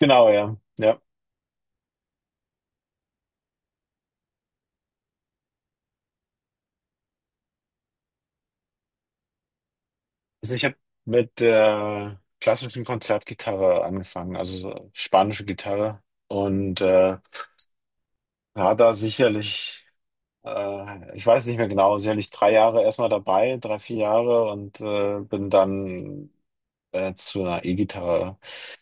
Genau, ja. Ja. Also ich habe mit der klassischen Konzertgitarre angefangen, also so spanische Gitarre. Und war da sicherlich, ich weiß nicht mehr genau, sicherlich drei Jahre erstmal dabei, drei, vier Jahre und bin dann zu einer E-Gitarre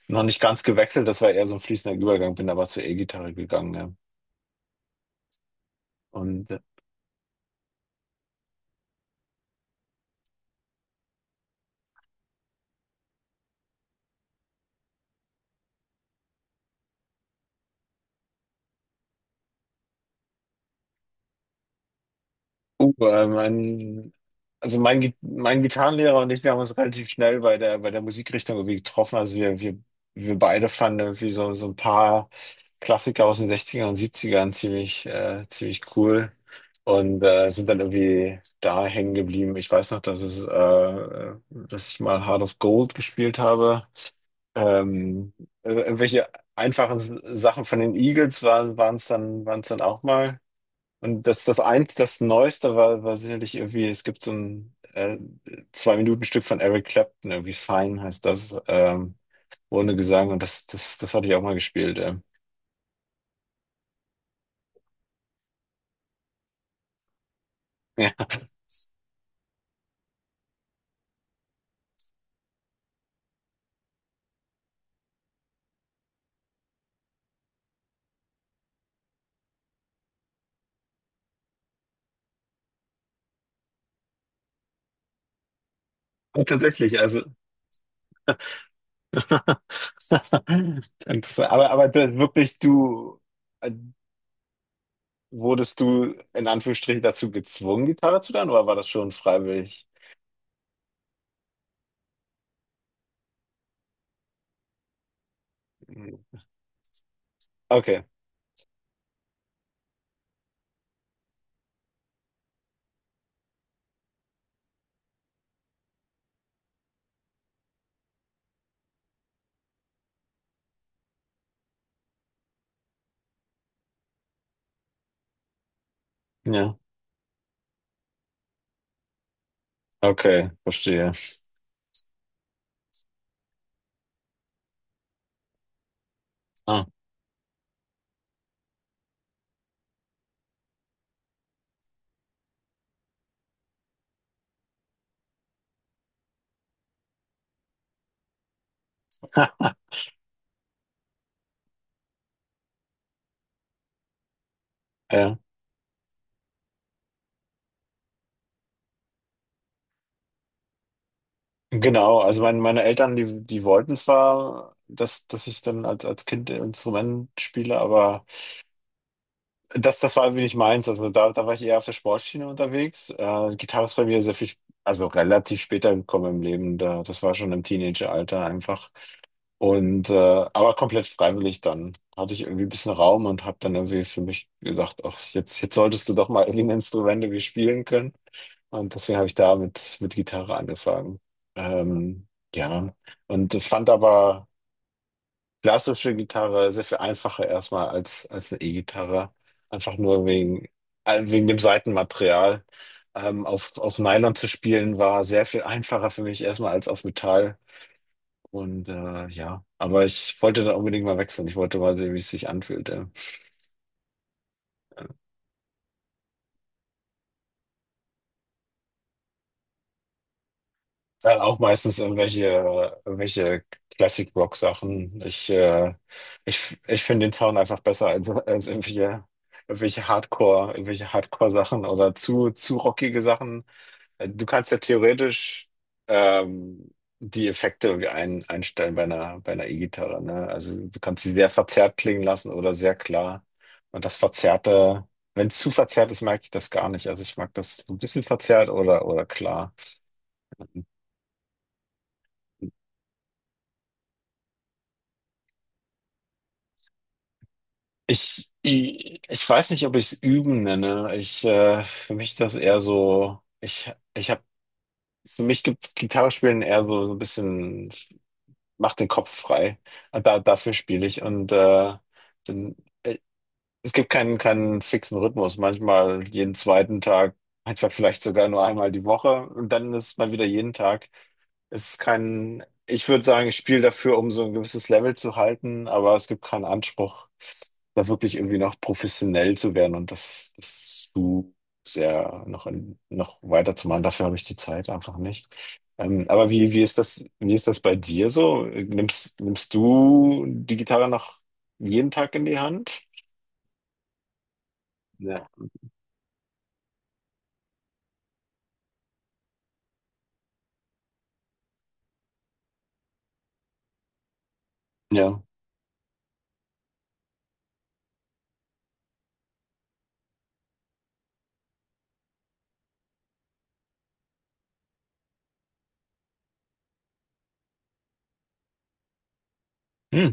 noch nicht ganz gewechselt, das war eher so ein fließender Übergang, bin aber zur E-Gitarre gegangen, ja. Und mein, also mein, Gi- Mein Gitarrenlehrer und ich, wir haben uns relativ schnell bei der Musikrichtung irgendwie getroffen. Also wir beide fanden irgendwie so, so ein paar Klassiker aus den 60 und 70 ziemlich, ziemlich cool und sind dann irgendwie da hängen geblieben. Ich weiß noch, dass ich mal Heart of Gold gespielt habe. Ähm, Irgendwelche einfachen Sachen von den Eagles waren es dann auch mal. Und das Neueste war, war sicherlich irgendwie, es gibt so ein Zwei-Minuten-Stück von Eric Clapton, irgendwie Sign heißt das, ohne Gesang. Und das hatte ich auch mal gespielt. Ja, tatsächlich, also. Interessant. Aber das wirklich, äh, wurdest du in Anführungsstrichen dazu gezwungen, Gitarre zu lernen, oder war das schon freiwillig? Okay, ja, okay, verstehe. Ah. Ja. Genau, also meine Eltern, die wollten zwar, dass ich dann als Kind Instrument spiele, aber das war irgendwie nicht meins. Also da war ich eher auf der Sportschiene unterwegs. Gitarre ist bei mir sehr viel, also relativ später gekommen im Leben. Das war schon im Teenageralter einfach. Und aber komplett freiwillig dann. Hatte ich irgendwie ein bisschen Raum und habe dann irgendwie für mich gedacht, ach, jetzt solltest du doch mal irgendwie Instrumente wie spielen können. Und deswegen habe ich da mit Gitarre angefangen. Ähm, ja, und ich fand aber klassische Gitarre sehr viel einfacher erstmal als eine E-Gitarre. Einfach nur wegen, wegen dem Saitenmaterial. Auf Nylon zu spielen war sehr viel einfacher für mich erstmal als auf Metall. Und ja, aber ich wollte da unbedingt mal wechseln. Ich wollte mal sehen, wie es sich anfühlt. Ja. Dann auch meistens irgendwelche Classic-Rock-Sachen. Ich ich, finde den Sound einfach besser als irgendwelche Hardcore-Sachen oder zu rockige Sachen. Du kannst ja theoretisch ähm, die Effekte irgendwie einstellen bei einer E-Gitarre, ne? Also du kannst sie sehr verzerrt klingen lassen oder sehr klar. Und das Verzerrte, wenn es zu verzerrt ist, mag ich das gar nicht. Also ich mag das so ein bisschen verzerrt oder klar. Ich weiß nicht, ob ich es üben nenne. Für mich ist das eher so, für mich gibt Gitarre spielen eher so, so ein bisschen, macht den Kopf frei. Und dafür spiele ich. Und dann, äh, es gibt keinen fixen Rhythmus. Manchmal jeden zweiten Tag, manchmal vielleicht sogar nur einmal die Woche. Und dann ist mal wieder jeden Tag, es ist kein, ich würde sagen, ich spiele dafür, um so ein gewisses Level zu halten, aber es gibt keinen Anspruch, da wirklich irgendwie noch professionell zu werden und das, das zu sehr noch, in, noch weiterzumachen. Dafür habe ich die Zeit einfach nicht. Aber wie, wie ist das bei dir so? Nimmst du die Gitarre noch jeden Tag in die Hand? Ja. Ja. Hm.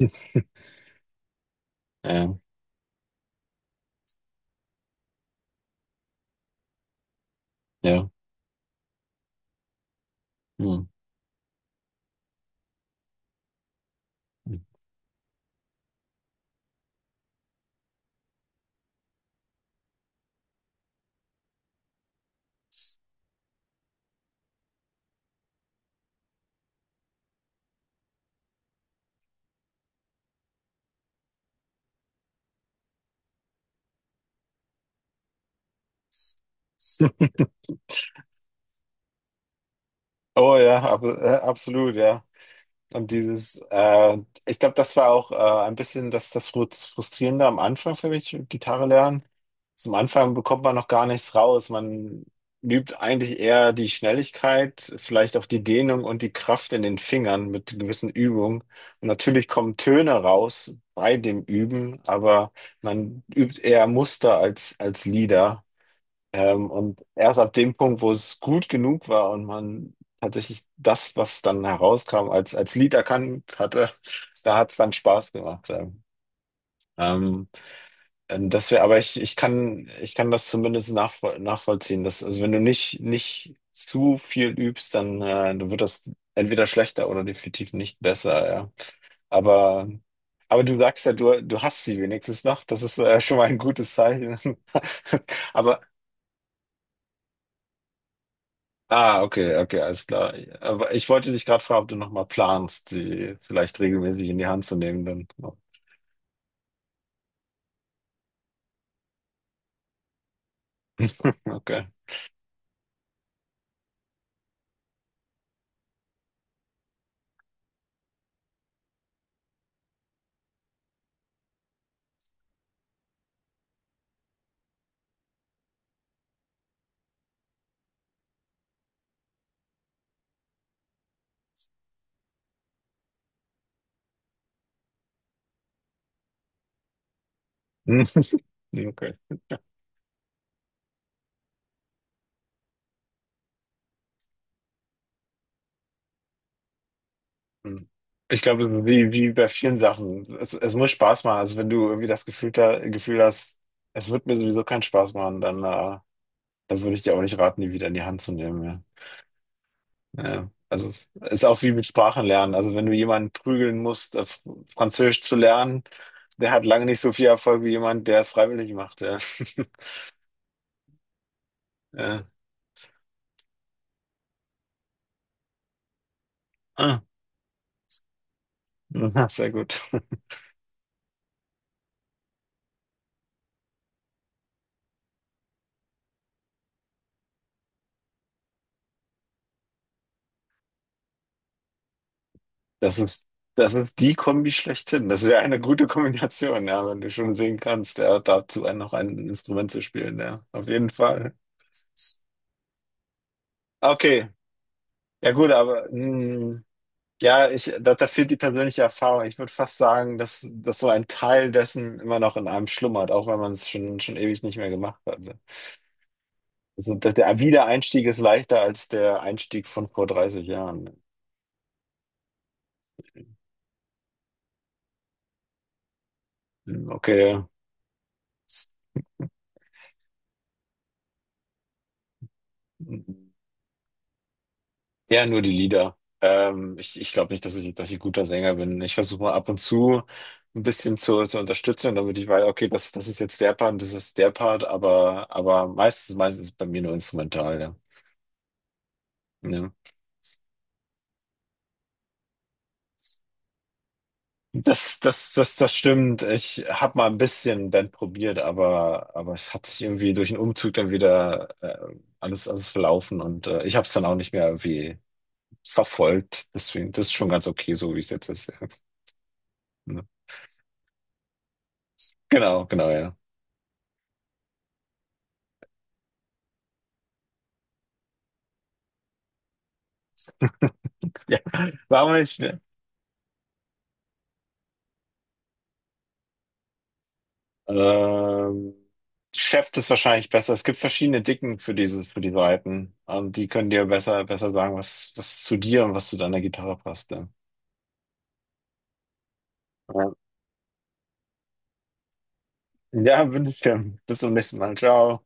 Ja, ja. Hm. Oh ja, absolut, ja. Und dieses, ich glaube, das war auch ein bisschen das Frustrierende am Anfang für mich, Gitarre lernen. Zum Anfang bekommt man noch gar nichts raus. Man übt eigentlich eher die Schnelligkeit, vielleicht auch die Dehnung und die Kraft in den Fingern mit gewissen Übungen. Und natürlich kommen Töne raus bei dem Üben, aber man übt eher Muster als Lieder. Und erst ab dem Punkt, wo es gut genug war und man tatsächlich das, was dann herauskam, als Lied erkannt hatte, da hat es dann Spaß gemacht. Ja. Ähm, aber ich kann das zumindest nachvollziehen. Dass, also wenn du nicht zu viel übst, dann, dann wird das entweder schlechter oder definitiv nicht besser, ja. Aber, aber du sagst ja, du hast sie wenigstens noch. Das ist, schon mal ein gutes Zeichen. Aber Ah, okay, okay, alles klar. Aber ich wollte dich gerade fragen, ob du nochmal planst, sie vielleicht regelmäßig in die Hand zu nehmen, dann. Okay. Hm, okay. Hm. Ich glaube, wie, wie bei vielen Sachen, es muss Spaß machen. Also wenn du irgendwie das Gefühl hast, es wird mir sowieso keinen Spaß machen, dann, dann würde ich dir auch nicht raten, die wieder in die Hand zu nehmen. Ja. Ja. Also es ist auch wie mit Sprachen lernen. Also wenn du jemanden prügeln musst, Französisch zu lernen, der hat lange nicht so viel Erfolg wie jemand, der es freiwillig macht. Ja. Ja. Ah, na, sehr gut. Das ist, das ist die Kombi schlechthin. Das wäre eine gute Kombination, ja, wenn du schon singen kannst, ja, dazu ein- noch ein Instrument zu spielen, ja, auf jeden Fall. Okay, ja gut, aber hm, ja, da fehlt die persönliche Erfahrung. Ich würde fast sagen, dass so ein Teil dessen immer noch in einem schlummert, auch wenn man es schon ewig nicht mehr gemacht hat. Ja. Also, dass der Wiedereinstieg ist leichter als der Einstieg von vor 30 Jahren. Hm, okay. Ja, nur die Lieder. Ich glaube nicht, dass ich guter Sänger bin. Ich versuche mal ab und zu ein bisschen zu unterstützen, damit ich weiß, okay, das ist jetzt der Part und das ist der Part, aber meistens ist bei mir nur instrumental, ja. Ja. Das das stimmt. Ich habe mal ein bisschen Band probiert, aber es hat sich irgendwie durch den Umzug dann wieder alles, verlaufen und ich habe es dann auch nicht mehr irgendwie verfolgt. Deswegen, das ist schon ganz okay, so wie es jetzt ist. Ja. Ja. Genau, genau, ja. Ja, warum nicht? Ne? Ähm, Chef ist wahrscheinlich besser. Es gibt verschiedene Dicken für diese, für die Seiten. Die können dir besser, besser sagen, was, was zu dir und was zu deiner Gitarre passt. Ja, ja wünsche ich dir. Bis zum nächsten Mal. Ciao.